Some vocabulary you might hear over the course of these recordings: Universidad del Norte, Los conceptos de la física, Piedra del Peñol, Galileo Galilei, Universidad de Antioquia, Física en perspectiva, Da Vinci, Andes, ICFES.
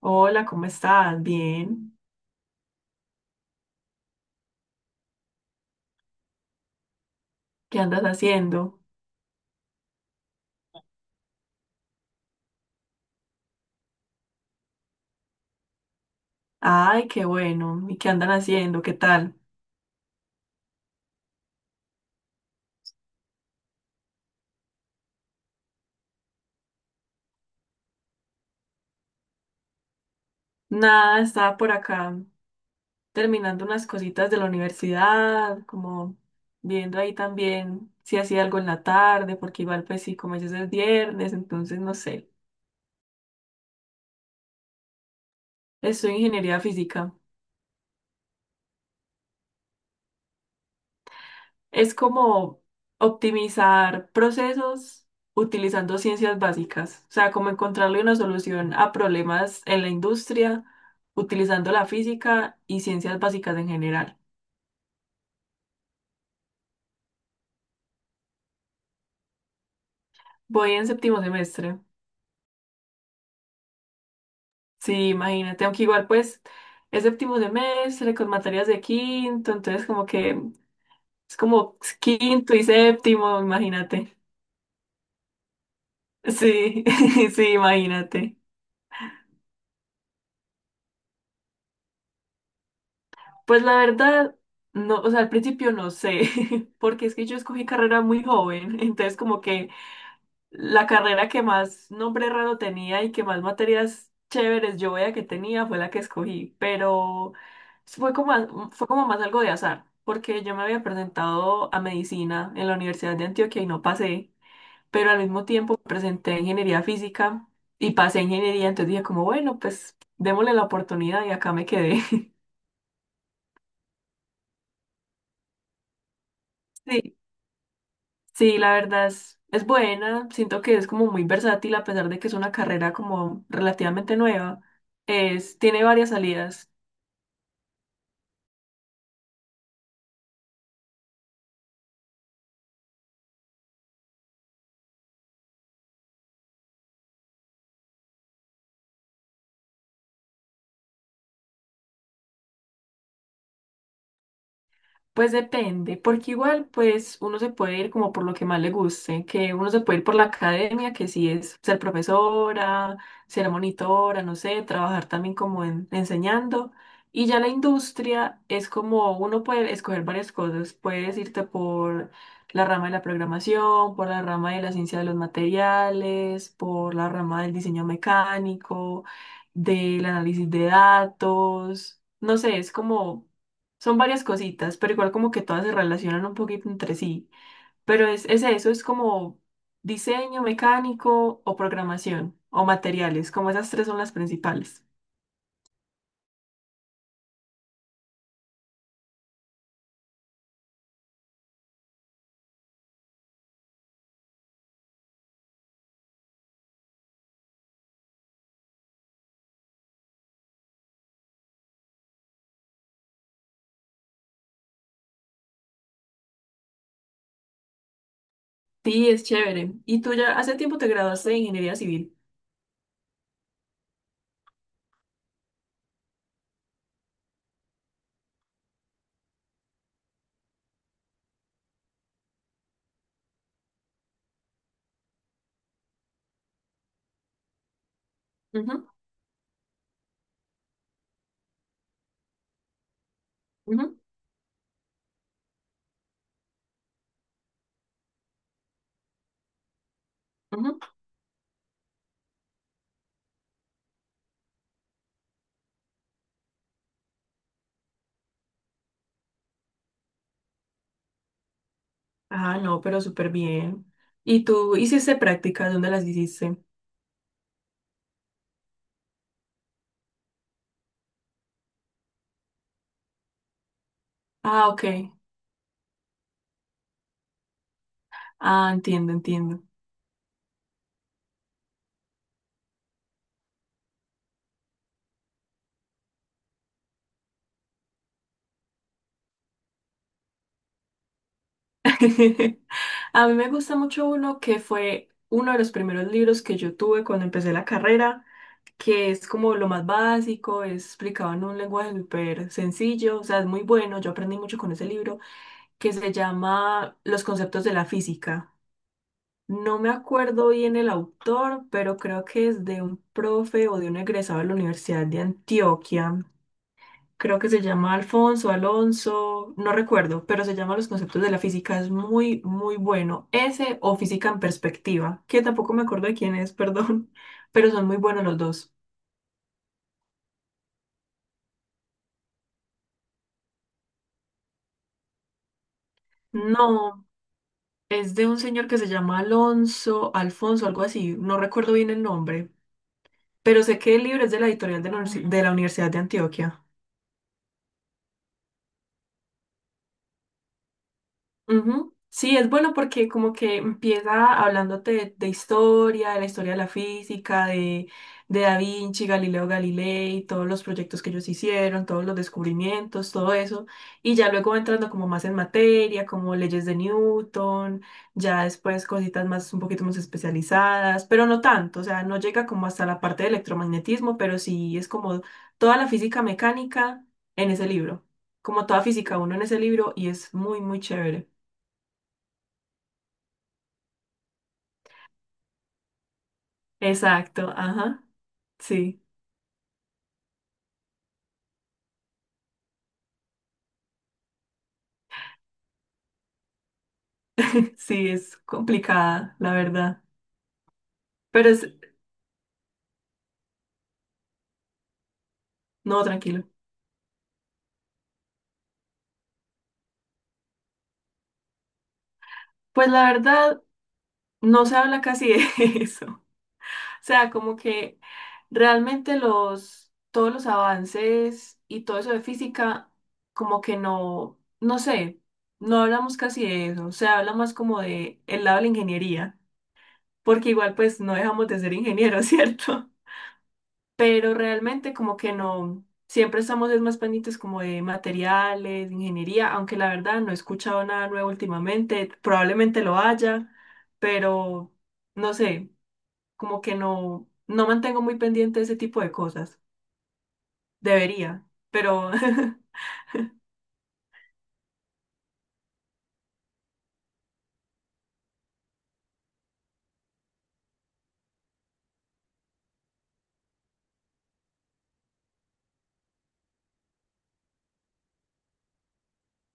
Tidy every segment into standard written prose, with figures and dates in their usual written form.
Hola, ¿cómo estás? Bien. ¿Qué andas haciendo? Ay, qué bueno. ¿Y qué andan haciendo? ¿Qué tal? Nada, estaba por acá terminando unas cositas de la universidad, como viendo ahí también si hacía algo en la tarde, porque igual pues sí, como ya es el viernes, entonces no sé. Estoy en ingeniería física. Es como optimizar procesos utilizando ciencias básicas, o sea, como encontrarle una solución a problemas en la industria utilizando la física y ciencias básicas en general. Voy en séptimo semestre. Sí, imagínate, aunque igual pues es séptimo semestre con materias de quinto, entonces como que es como quinto y séptimo, imagínate. Sí, sí, imagínate. Pues la verdad, no, o sea, al principio no sé, porque es que yo escogí carrera muy joven, entonces como que la carrera que más nombre raro tenía y que más materias chéveres yo veía que tenía fue la que escogí, pero fue como, fue como más algo de azar, porque yo me había presentado a medicina en la Universidad de Antioquia y no pasé, pero al mismo tiempo presenté a ingeniería física y pasé a ingeniería, entonces dije como, bueno, pues démosle la oportunidad y acá me quedé. Sí. Sí, la verdad es buena. Siento que es como muy versátil a pesar de que es una carrera como relativamente nueva. Es, tiene varias salidas. Pues depende, porque igual pues uno se puede ir como por lo que más le guste, que uno se puede ir por la academia, que sí es ser profesora, ser monitora, no sé, trabajar también como enseñando. Y ya la industria es como uno puede escoger varias cosas, puedes irte por la rama de la programación, por la rama de la ciencia de los materiales, por la rama del diseño mecánico, del análisis de datos, no sé, es como son varias cositas, pero igual como que todas se relacionan un poquito entre sí. Pero es eso, es como diseño mecánico o programación o materiales, como esas tres son las principales. Sí, es chévere. ¿Y tú ya hace tiempo te graduaste de ingeniería civil? Ujú, ujú, ujú. Ah, no, pero súper bien. ¿Y tú hiciste prácticas? ¿Dónde las hiciste? Ah, ok. Ah, entiendo, entiendo. A mí me gusta mucho uno que fue uno de los primeros libros que yo tuve cuando empecé la carrera, que es como lo más básico, es explicado en un lenguaje súper sencillo, o sea, es muy bueno, yo aprendí mucho con ese libro, que se llama Los conceptos de la física. No me acuerdo bien el autor, pero creo que es de un profe o de un egresado de la Universidad de Antioquia. Creo que se llama Alfonso, Alonso, no recuerdo, pero se llama Los conceptos de la física, es muy, muy bueno. Ese o Física en perspectiva, que tampoco me acuerdo de quién es, perdón, pero son muy buenos los dos. No, es de un señor que se llama Alonso, Alfonso, algo así, no recuerdo bien el nombre, pero sé que el libro es de la editorial de de la Universidad de Antioquia. Ujú. Sí, es bueno porque como que empieza hablándote de historia de la física, de Da Vinci, Galileo Galilei, todos los proyectos que ellos hicieron, todos los descubrimientos, todo eso. Y ya luego va entrando como más en materia, como leyes de Newton, ya después cositas más, un poquito más especializadas, pero no tanto, o sea, no llega como hasta la parte de electromagnetismo, pero sí es como toda la física mecánica en ese libro, como toda física uno en ese libro y es muy, muy chévere. Exacto, ajá. Sí, sí, es complicada, la verdad. Pero es, no, tranquilo. Pues la verdad, no se habla casi de eso. O sea, como que realmente los, todos los avances y todo eso de física, como que no, no sé, no hablamos casi de eso. Se habla más como de el lado de la ingeniería, porque igual pues no dejamos de ser ingenieros, ¿cierto? Pero realmente como que no, siempre estamos es más pendientes como de materiales, de ingeniería, aunque la verdad no he escuchado nada nuevo últimamente, probablemente lo haya, pero no sé, como que no, no mantengo muy pendiente ese tipo de cosas. Debería, pero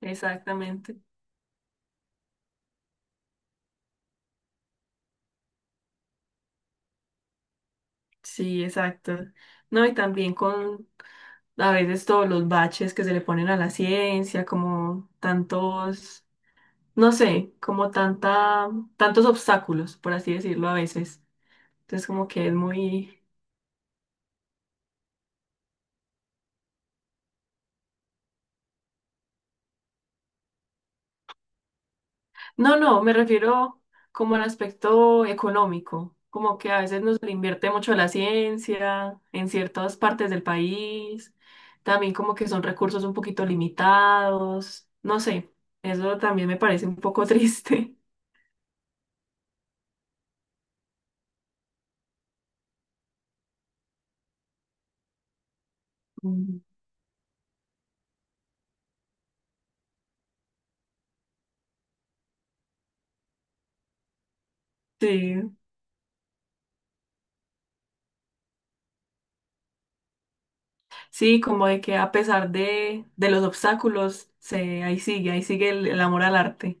exactamente. Sí, exacto. No, y también con a veces todos los baches que se le ponen a la ciencia, como tantos no sé, como tanta, tantos obstáculos, por así decirlo, a veces. Entonces, como que es muy... No, no, me refiero como al aspecto económico, como que a veces nos invierte mucho a la ciencia en ciertas partes del país, también como que son recursos un poquito limitados, no sé, eso también me parece un poco triste. Mm. Sí, sí, como de que a pesar de los obstáculos, se, ahí sigue el amor al arte.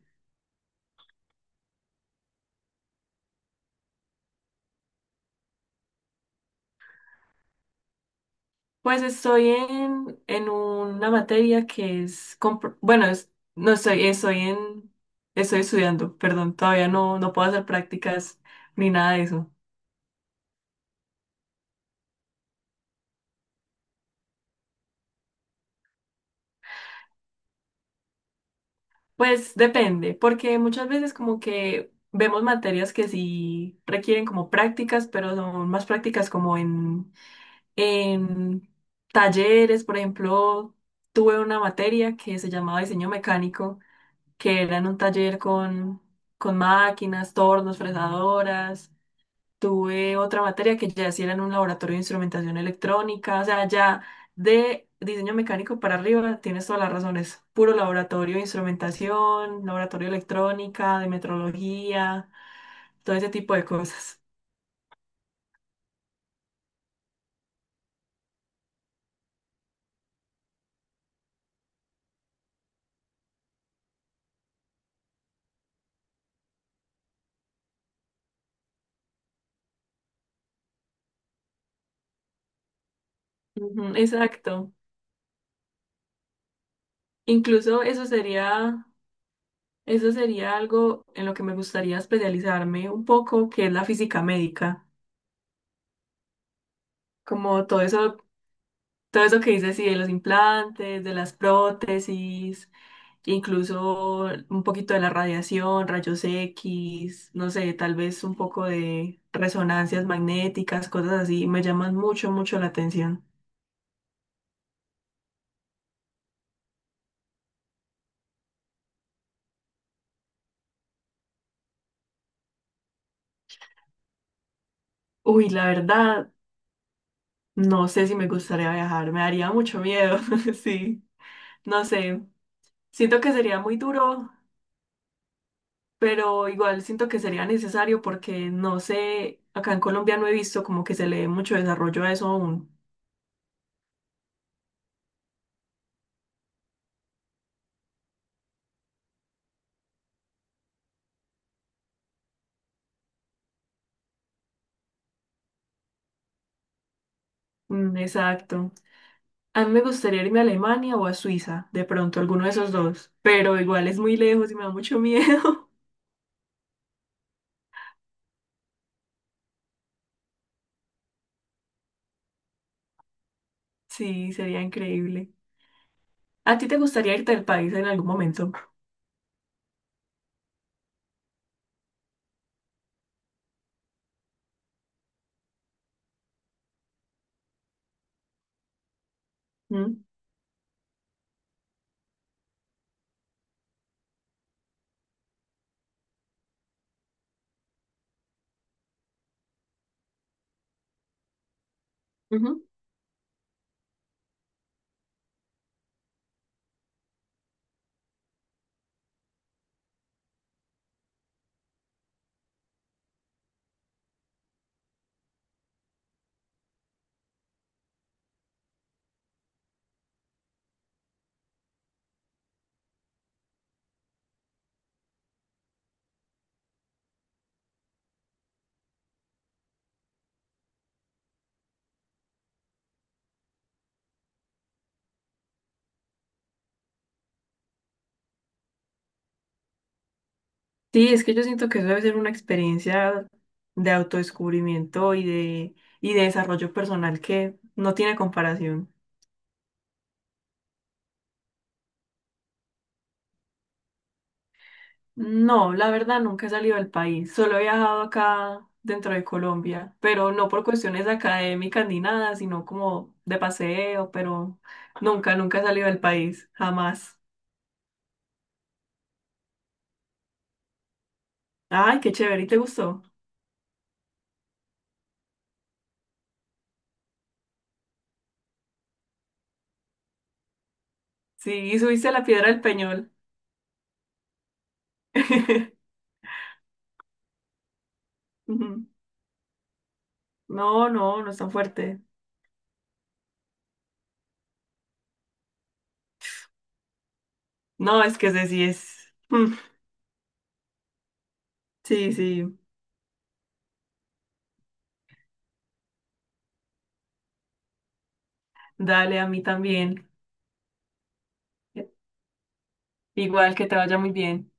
Pues estoy en una materia que es, bueno, no estoy, estoy en, estoy estudiando, perdón, todavía no, no puedo hacer prácticas ni nada de eso. Pues depende, porque muchas veces como que vemos materias que sí requieren como prácticas, pero son más prácticas como en talleres, por ejemplo, tuve una materia que se llamaba diseño mecánico que era en un taller con máquinas, tornos, fresadoras. Tuve otra materia que ya sí era en un laboratorio de instrumentación electrónica, o sea, ya de diseño mecánico para arriba, tienes todas las razones. Puro laboratorio de instrumentación, laboratorio de electrónica, de metrología, todo ese tipo de cosas. Ujú, exacto. Incluso eso sería algo en lo que me gustaría especializarme un poco, que es la física médica, como todo eso. Todo eso que dices, sí, de los implantes, de las prótesis, incluso un poquito de la radiación, rayos X, no sé, tal vez un poco de resonancias magnéticas, cosas así, me llaman mucho, mucho la atención. Uy, la verdad, no sé si me gustaría viajar, me daría mucho miedo, sí, no sé, siento que sería muy duro, pero igual siento que sería necesario porque no sé, acá en Colombia no he visto como que se le dé mucho desarrollo a eso aún. Mm, exacto. A mí me gustaría irme a Alemania o a Suiza, de pronto, alguno de esos dos, pero igual es muy lejos y me da mucho miedo. Sí, sería increíble. ¿A ti te gustaría irte del país en algún momento? ¿Mm? Ujú. Sí, es que yo siento que eso debe ser una experiencia de autodescubrimiento y de desarrollo personal que no tiene comparación. No, la verdad nunca he salido del país, solo he viajado acá dentro de Colombia, pero no por cuestiones académicas ni nada, sino como de paseo, pero nunca, nunca he salido del país, jamás. Ay, qué chévere, ¿y te gustó? Sí, y subiste a la Piedra del Peñol. Ujú. No, no, no es tan fuerte. No, es que ese sí es. Mm, sí, sí, dale, a mí también. Igual que te vaya muy bien.